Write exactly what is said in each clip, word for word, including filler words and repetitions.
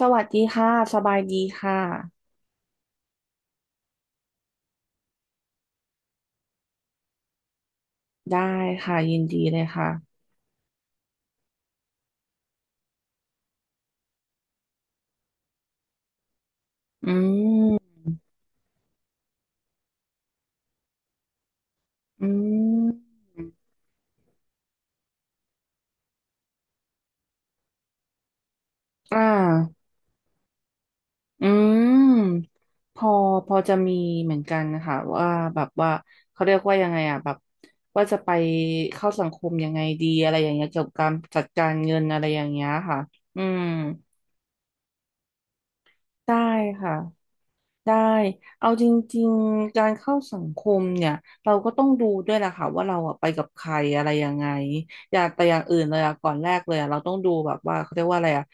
สวัสดีค่ะสบายดีค่ะได้ค่ะยินดีเลยค่ะอืมอืมอ่าอืมพอพอจะมีเหมือนกันนะคะว่าแบบว่าเขาเรียกว่ายังไงอ่ะแบบว่าจะไปเข้าสังคมยังไงดีอะไรอย่างเงี้ยเกี่ยวกับการจัดการเงินอะไรอย่างเงี้ยค่ะอืมได้ค่ะ ได้เอาจริงๆการเข้าสังคมเนี่ยเราก็ต้องดูด้วยแหละค่ะว่าเราอะไปกับใครอะไรยังไงอย่าแต่อย่างอื่นเลยอะก่อนแรกเลยอะเราต้องดูแบบว่าเขาเรียกว่าอะไรอะ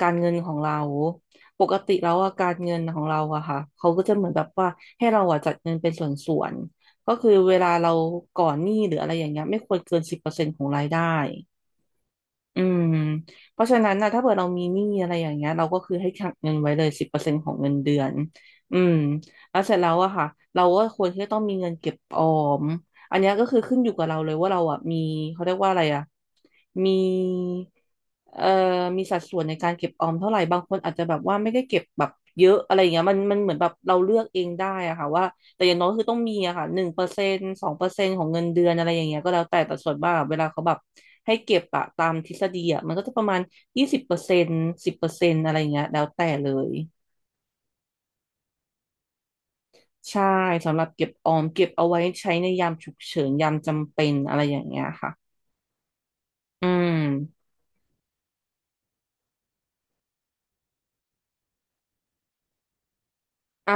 การเงินของเราปกติแล้วอะการเงินของเราอะค่ะเขาก็จะเหมือนแบบว่าให้เราอะจัดเงินเป็นส่วนๆก็คือเวลาเราก่อนหนี้หรืออะไรอย่างเงี้ยไม่ควรเกินสิบเปอร์เซ็นต์ของรายได้ อืมเพราะฉะนั้นนะถ้าเกิดเรามีหนี้อะไรอย่างเงี้ยเราก็คือให้ขังเงินไว้เลยสิบเปอร์เซ็นต์ของเงินเดือนอืมแล้วเสร็จแล้วอะค่ะเราก็ควรที่จะต้องมีเงินเก็บออมอันเนี้ยก็คือขึ้นอยู่กับเราเลยว่าเราอะมีเขาเรียกว่าอะไรอะมีเอ่อมีสัดส่วนในการเก็บออมเท่าไหร่บางคนอาจจะแบบว่าไม่ได้เก็บแบบเยอะอะไรอย่างเงี้ยมันมันเหมือนแบบเราเลือกเองได้อะค่ะว่า แต่อย่างน้อยคือต้องมีอะค่ะหนึ่งเปอร์เซ็นต์สองเปอร์เซ็นต์ของเงินเดือนอะไรอย่างเงี้ยก็แล้วแต่แต่ส่วนมากอะเวลาเขาแบบให้เก็บอะตามทฤษฎีอะมันก็จะประมาณยี่สิบเปอร์เซ็นต์สิบเปอร์เซ็นต์อะไรอย่างเงี้ยแล้วแต่เลยใช่สำหรับเก็บออมเก็บเอาไว้ใช้ในยามฉุกเฉินยามจำเป็นอะไรอย่างเงี้ยค่ะอืม อ่า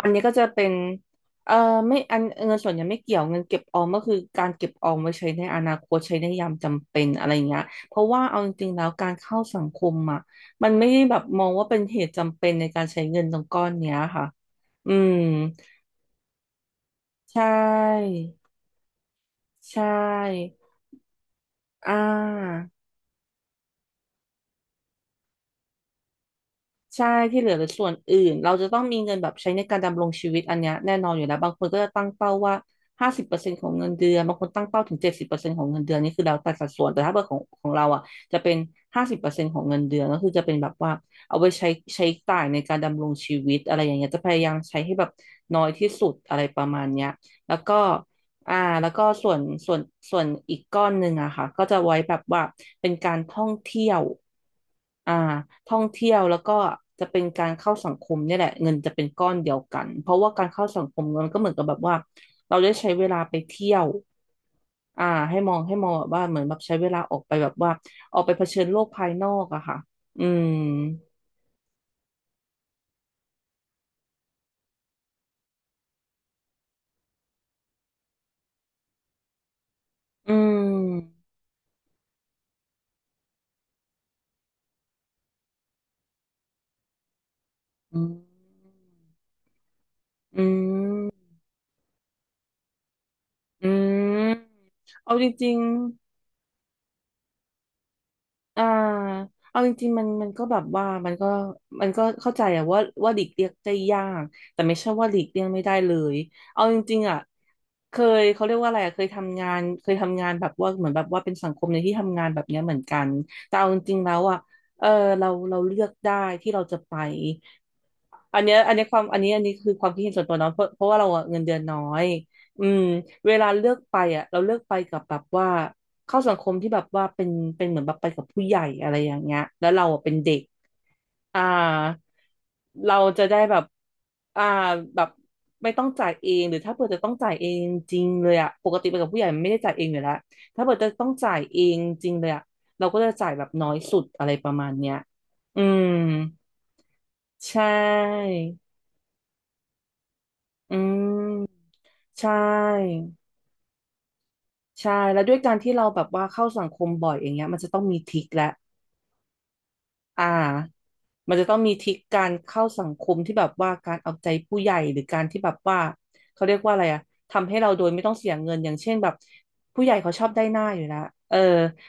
อันนี้ก็จะเป็นเอ่อไม่อันเงินส่วนใหญ่ไม่เกี่ยวเงินเก็บออมก็คือการเก็บออมไว้ใช้ในอนาคตใช้ในยามจำเป็นอะไรเงี้ยเพราะว่าเอาจริงๆแล้วการเข้าสังคมอ่ะมันไม่ได้แบบมองว่าเป็นเหตุจำเป็นในการใช้เงินตรงก้อนเนี้ยค่ะอืมใช่ใช่อ่า ใช่ที่เหลือหรือส่วนอื่นเราจะต้องมีเงินแบบใช้ในการดำรงชีวิตอันเนี้ยแน่นอนอยู่แล้วบางคนก็จะตั้งเป้าว่าห้าสิบเปอร์เซ็นต์ของเงินเดือนบางคนตั้งเป้าถึงเจ็ดสิบเปอร์เซ็นต์ของเงินเดือนนี่คือแล้วแต่สัดส่วนแต่ถ้าเบอร์ของของเราอ่ะจะเป็นห้าสิบเปอร์เซ็นต์ของเงินเดือนก็คือจะเป็นแบบว่าเอาไว้ใช้ใช้จ่ายในการดำรงชีวิตอะไรอย่างเงี้ยจะพยายามใช้ให้แบบน้อยที่สุดอะไรประมาณเนี้ยแล้วก็ อ่าแล้วก็ส่วนส่วนส่วนอีกก้อนหนึ่งอะค่ะก็จะไว้แบบว่าเป็นการท่องเที่ยวอ่าท่องเที่ยวแล้วก็จะเป็นการเข้าสังคมเนี่ยแหละเงินจะเป็นก้อนเดียวกันเพราะว่าการเข้าสังคมมันก็เหมือนกับแบบว่าเราได้ใช้เวลาไปเที่ยวอ่าให้มองให้มองแบบว่าเหมือนแบบใช้เวลาออกไปแบบว่าออกไปเผชิญโลกภายนอกอะค่ะอืมอืมอืมอืมอืมเอาจริง อ่าเอาจริงๆมันมันก็แบบว่ามันก็มันก็เข้าใจอะว่าว่าหลีกเลี่ยงได้ยากแต่ไม่ใช่ว่าหลีกเลี่ยงไม่ได้เลยเอาจริงๆอะเคยเขาเรียกว่าอะไรอะเคยทำงานเคยทำงานแบบว่าเหมือนแบบว่าเป็นสังคมในที่ทำงานแบบเนี้ยเหมือนกันแต่เอาจริงๆแล้วอะเออเราเราเลือกได้ที่เราจะไป อันเนี้ยอันเนี้ยความอันนี้อันนี้คือความคิดเห็นส่วนตัวเนาะเพราะเพราะว่าเราอะเงินเดือนน้อยอืมเวลาเลือกไปอ่ะเราเลือกไปกับแบบว่าเข้าสังคมที่แบบว่าเป็นเป็นเหมือนแบบไปกับผู้ใหญ่อะไรอย่างเงี้ยแล้วเราอะเป็นเด็กอ่าเราจะได้แบบอ่าแบบไม่ต้องจ่ายเองหรือถ้าเผื่อจะต้องจ่ายเองจริงเลยอ่ะปกติไปกับผู้ใหญ่มันไม่ได้จ่ายเองอยู่แล้วถ้าเผื่อจะต้องจ่ายเองจริงเลยอ่ะเราก็จะจ่ายแบบน้อยสุดอะไรประมาณเนี้ยอืมใช่ อืมใช่ใช่แล้วด้วยการที่เราแบบว่าเข้าสังคมบ่อยอย่างเงี้ยมันจะต้องมีทริคและอ่ามันจะต้องมีทริคการเข้าสังคมที่แบบว่าการเอาใจผู้ใหญ่หรือการที่แบบว่าเขาเรียกว่าอะไรอะทำให้เราโดยไม่ต้องเสียเงินอย่างเช่นแบบผู้ใหญ่เขาชอบได้หน้าอยู่แล้วเออ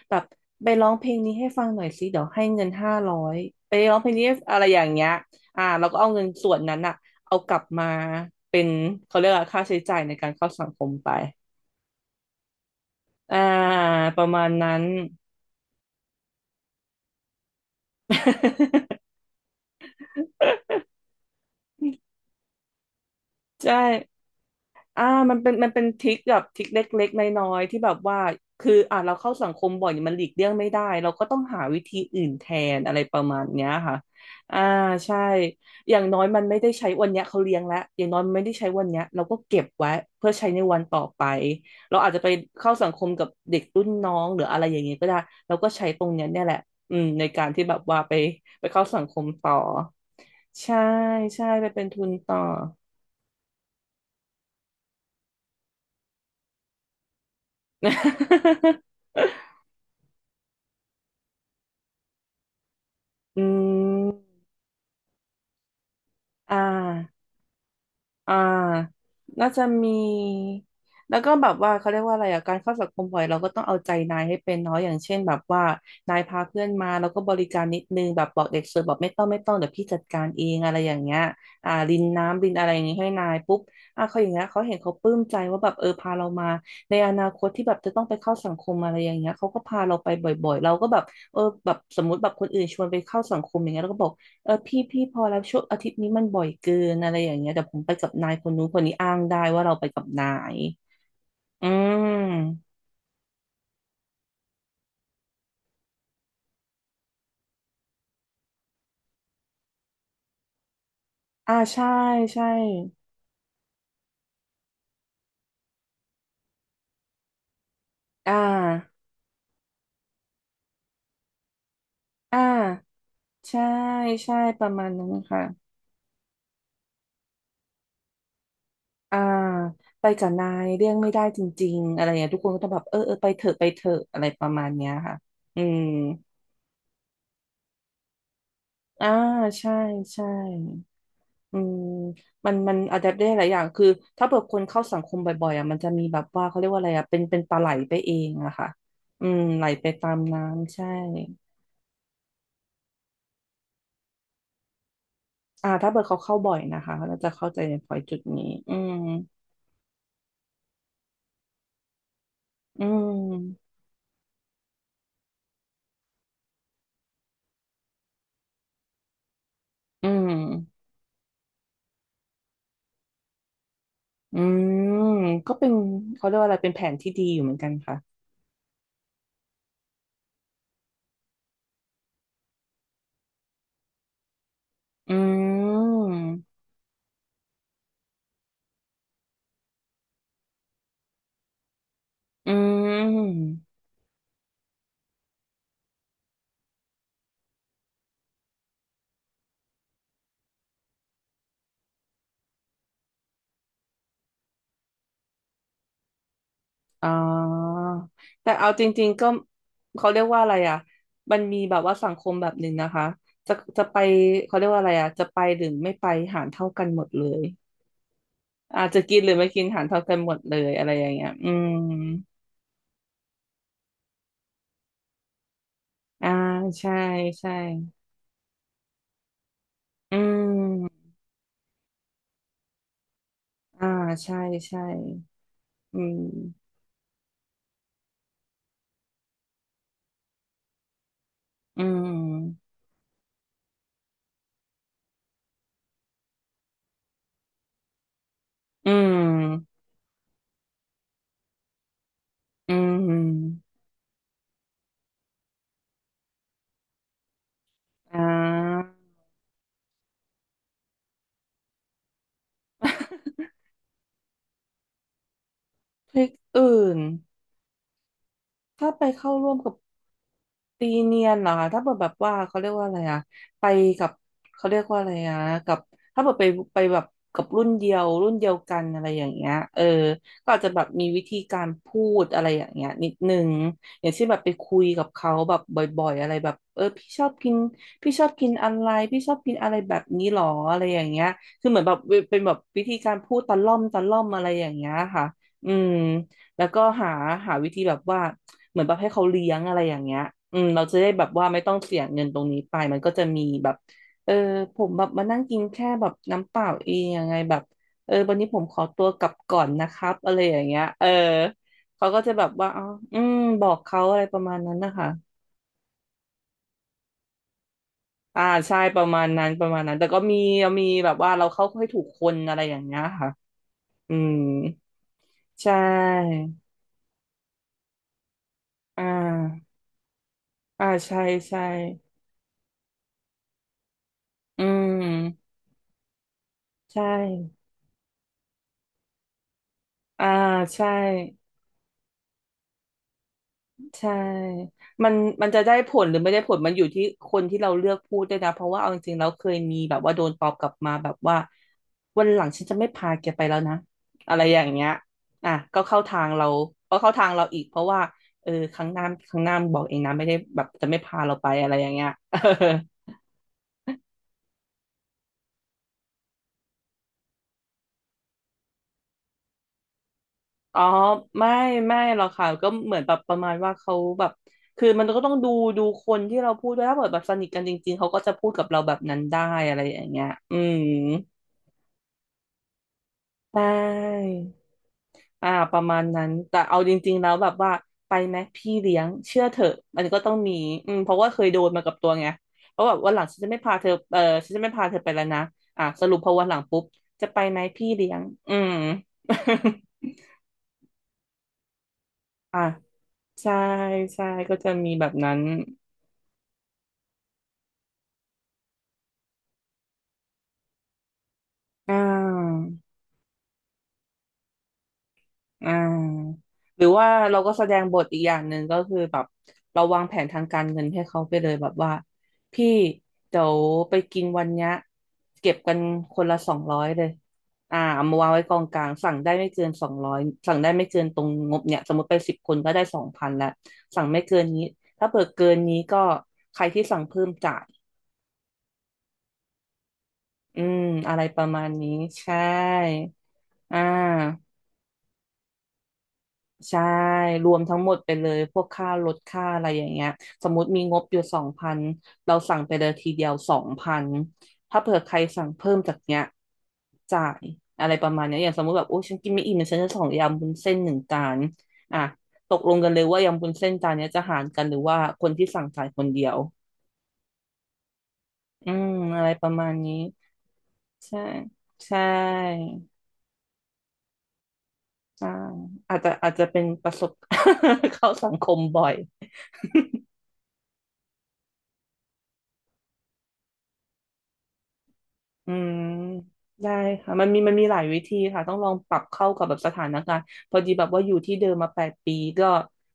แบบไปร้องเพลงนี้ให้ฟังหน่อยสิเดี๋ยวให้เงินห้าร้อยไปร้องเพลงนี้อะไรอย่างเงี้ยอ่าเราก็เอาเงินส่วนนั้นอะเอากลับมาเป็นเขาเรียกว่าค่าใช้จ่ายในการเข้าสังคมไป อ่าประมาณนั้น ใช่อ่ามันเป็นมันเป็นทริคแบบทริคเล็กๆน้อยๆที่แบบว่าคืออ่าเราเข้าสังคมบ่อยมันหลีกเลี่ยงไม่ได้เราก็ต้องหาวิธีอื่นแทนอะไรประมาณเนี้ยค่ะอ่าใช่อย่างน้อยมันไม่ได้ใช้วันเนี้ยเขาเลี้ยงแล้วอย่างน้อยมันไม่ได้ใช้วันเนี้ยเราก็เก็บไว้เพื่อใช้ในวันต่อไปเราอาจจะไปเข้าสังคมกับเด็กรุ่นน้องหรืออะไรอย่างเงี้ยก็ได้เราก็ใช้ตรงเนี้ยเนี่ยแหละอืมในการที่แบบว่าไปไปเข้าสังคมต่อ ใช่ใช่ไปเป็นทุนต่อ อืมอ่า อ่าน่าจะมีแล้วก็แบบว่าเขาเรียกว่าอะไรอ่ะการเข้าสังคมบ่อยเราก็ต้องเอาใจนายให้เป็นเนาะอย่างเช่นแบบว่านายพาเพื่อนมาแล้วก็บริการนิดนึงแบบบอกเด็กเสิร์ฟบอกไม่ต้องไม่ต้องเดี๋ยวพี่จัดการเองอะไรอย่างเงี้ยอ่ารินน้ำรินอะไรอย่างงี้ให้นายปุ๊บอ่ะเขาอย่างเงี้ยเขาเห็นเขาปลื้มใจว่าแบบเออพาเรามาในอนาคตที่แบบจะต้องไปเข้าสังคมอะไรอย่างเงี้ยเขาก็พาเราไปบ่อยๆเราก็แบบเออแบบสมมติแบบคนอื่นชวนไปเข้าสังคมอย่างเงี้ยเราก็บอก เออพี่พี่พอแล้วช่วงอาทิตย์นี้มันบ่อยเกินอะไรอย่างเงี้ยเดี๋ยวผมไปกับนายคนนู้นคนนี้อ้างได้ว่าเราไปกับนายอืมอ่าใช่ใช่อ่าอ่าใช่ใช่ประมาณนั้นค่ะอ่าไปกับนายเรื่องไม่ได้จริงๆอะไรอย่างเงี้ยทุกคนก็ต้องแบบเออเออไปเถอะไปเถอะอะไรประมาณเนี้ยค่ะอืมอ่าใช่ใช่ อืมมันมันอะแดปได้หลายอย่างคือถ้าเผื่อคนเข้าสังคมบ่อยๆอ่ะมันจะมีแบบว่าเขาเรียกว่าอะไรอ่ะเป็นเป็นปลาไหลไปเองอะค่ะอืมไหลไปตามน้ำใช่อ่าถ้าเผื่อเขาเข้าบ่อยนะคะเราจะเข้าใจในพอยจุดนี้อืมอืมอืมอืมก็เป็นเขาเรียกว่าอะไรเป็นแผนที่ดีอยู่เหมือนกันค่ะอืมอืม อ๋อ แต่เอาจริงๆก็เขาเรียกว่าอะไรอ่ะมันมีแบบว่าสังคมแบบหนึ่งนะคะจะจะไปเขาเรียกว่าอะไรอ่ะจะไปหรือไม่ไปหารเท่ากันหมดเลยอาจจะกินหรือไม่กินหารเท่ากันหมดเลยอะไรอย่างเงี้ยอืม อ่าใช่ใช่อืมอ่าใช่ใช่อืม อืม อืม อืมอ่า พริกอื่น ถ้าไปเข้าร่วมกับตีเนียนเหรอคะถ้าเกิดแบบว่าเขาเรียกว่าอะไรอะไปกับเขาเรียกว่าอะไรอะกับถ้าเกิดไปไปแบบกับรุ่นเดียวรุ่นเดียวกันอะไรอย่างเงี้ยเออก็อาจจะแบบมีวิธีการพูดอะไรอย่างเงี้ยนิดนึงอย่างเช่นแบบไปคุยกับเขาแบบบ่อยๆอะไรแบบเออพี่ชอบกินพี่ชอบกินอะไรพี่ชอบกินอะไรแบบนี้หรออะไรอย่างเงี้ยคือเหมือนแบบเป็นแบบวิธีการพูดตะล่อมตะล่อมอะไรอย่างเงี้ยค่ะอืม แล้วก็หาหาวิธีแบบว่าเหมือนแบบให้เขาเลี้ยงอะไรอย่างเงี้ยอืมเราจะได้แบบว่าไม่ต้องเสียเงินตรงนี้ไปมันก็จะมีแบบเออผมแบบมานั่งกินแค่แบบน้ำเปล่าเองยังไงแบบเออวันนี้ผมขอตัวกลับก่อนนะครับอะไรอย่างเงี้ยเออเขาก็จะแบบว่าอ๋ออืมบอกเขาอะไรประมาณนั้นนะคะอ่าใช่ประมาณนั้นประมาณนั้นแต่ก็มีมีแบบว่าเราเข้าให้ถูกคนอะไรอย่างเงี้ยค่ะอืมใช่อ่าอ่าใช่ใช่อืม ใช่อ่าใช่ใช่มันมันจะได้ผลหรือไม่ได้ผลมันอยู่ที่คนที่เราเลือกพูดด้วยนะ เพราะว่าเอาจริงๆเราเคยมีแบบว่าโดนตอบกลับมาแบบว่าวันหลังฉันจะไม่พาแกไปแล้วนะอะไรอย่างเงี้ยอ่ะก็เข้าทางเรา ก็เข้าทางเราอีกเพราะว่าเออครั้งหน้าครั้งหน้ามึงบอกเองนะไม่ได้แบบจะไม่พาเราไปอะไรอย่างเงี้ย อ๋อไม่ไม่หรอกค่ะก็เหมือนแบบประมาณว่าเขาแบบคือมันก็ต้องดูดูคนที่เราพูดด้วยถ้าเกิดแบบสนิทกันจริงๆเขาก็จะพูดกับเราแบบนั้นได้อะไรอย่างเงี้ยอืมใช่อ่าประมาณนั้นแต่เอาจริงๆแล้วแบบว่าไปไหมพี่เลี้ยงเชื่อเถอะมันก็ต้องมีอืมเพราะว่าเคยโดนมากับตัวไงเพราะแบบวันหลังฉันจะไม่พาเธอเออฉันจะไม่พาเธอไปแล้วนะอ่ะสรุปพอวันหลังปุ๊บจะไปไหมพี่เลี้ยงอืม อ่ะใช่ใช่ก็จะมีแบบนั้น อ่าอ่าหรือว่าเราก็แสดงบทอีกอย่างหนึ่งก็คือแบบเราวางแผนทางการเงินให้เขาไปเลยแบบว่าพี่เดี๋ยวไปกินวันเนี้ยเก็บกันคนละสองร้อยเลยอ่าเอามาวางไว้กองกลางสั่งได้ไม่เกินสองร้อยสั่งได้ไม่เกินตรงงบเนี่ยสมมติไปสิบคนก็ได้สองพันละสั่งไม่เกินนี้ถ้าเปิดเกินนี้ก็ใครที่สั่งเพิ่มจ่ายอืมอะไรประมาณนี้ใช่อ่า ใช่รวมทั้งหมดไปเลยพวกค่ารถค่าอะไรอย่างเงี้ยสมมติมีงบอยู่สองพันเราสั่งไปเลยทีเดียวสองพันถ้าเผื่อใครสั่งเพิ่มจากเนี้ยจ่ายอะไรประมาณเนี้ยอย่างสมมติแบบโอ้ฉันกินไม่อิ่มเดี๋ยวฉันจะสั่งยำวุ้นเส้นหนึ่งจานอ่ะตกลงกันเลยว่ายำวุ้นเส้นจานเนี้ยจะหารกันหรือว่าคนที่สั่งจ่ายคนเดียวอืมอะไรประมาณนี้ใช่ใช่ใช่อาจจะอาจจะเป็นประสบ เข้าสังคมบ่อย อืมได้ค่ะมันมีมันมีหลายวิธีค่ะต้องลองปรับเข้ากับแบบสถานการณ์พอดีแบบว่าอยู่ที่เดิมมาแปดปีก็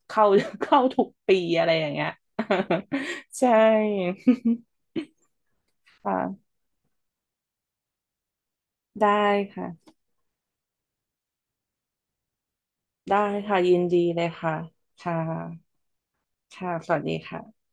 เข้า เข้าทุกปีอะไรอย่างเงี้ย ใช่ ค่ะได้ค่ะได้ค่ะยินดีเลยค่ะค่ะค่ะสวัสดีค่ะ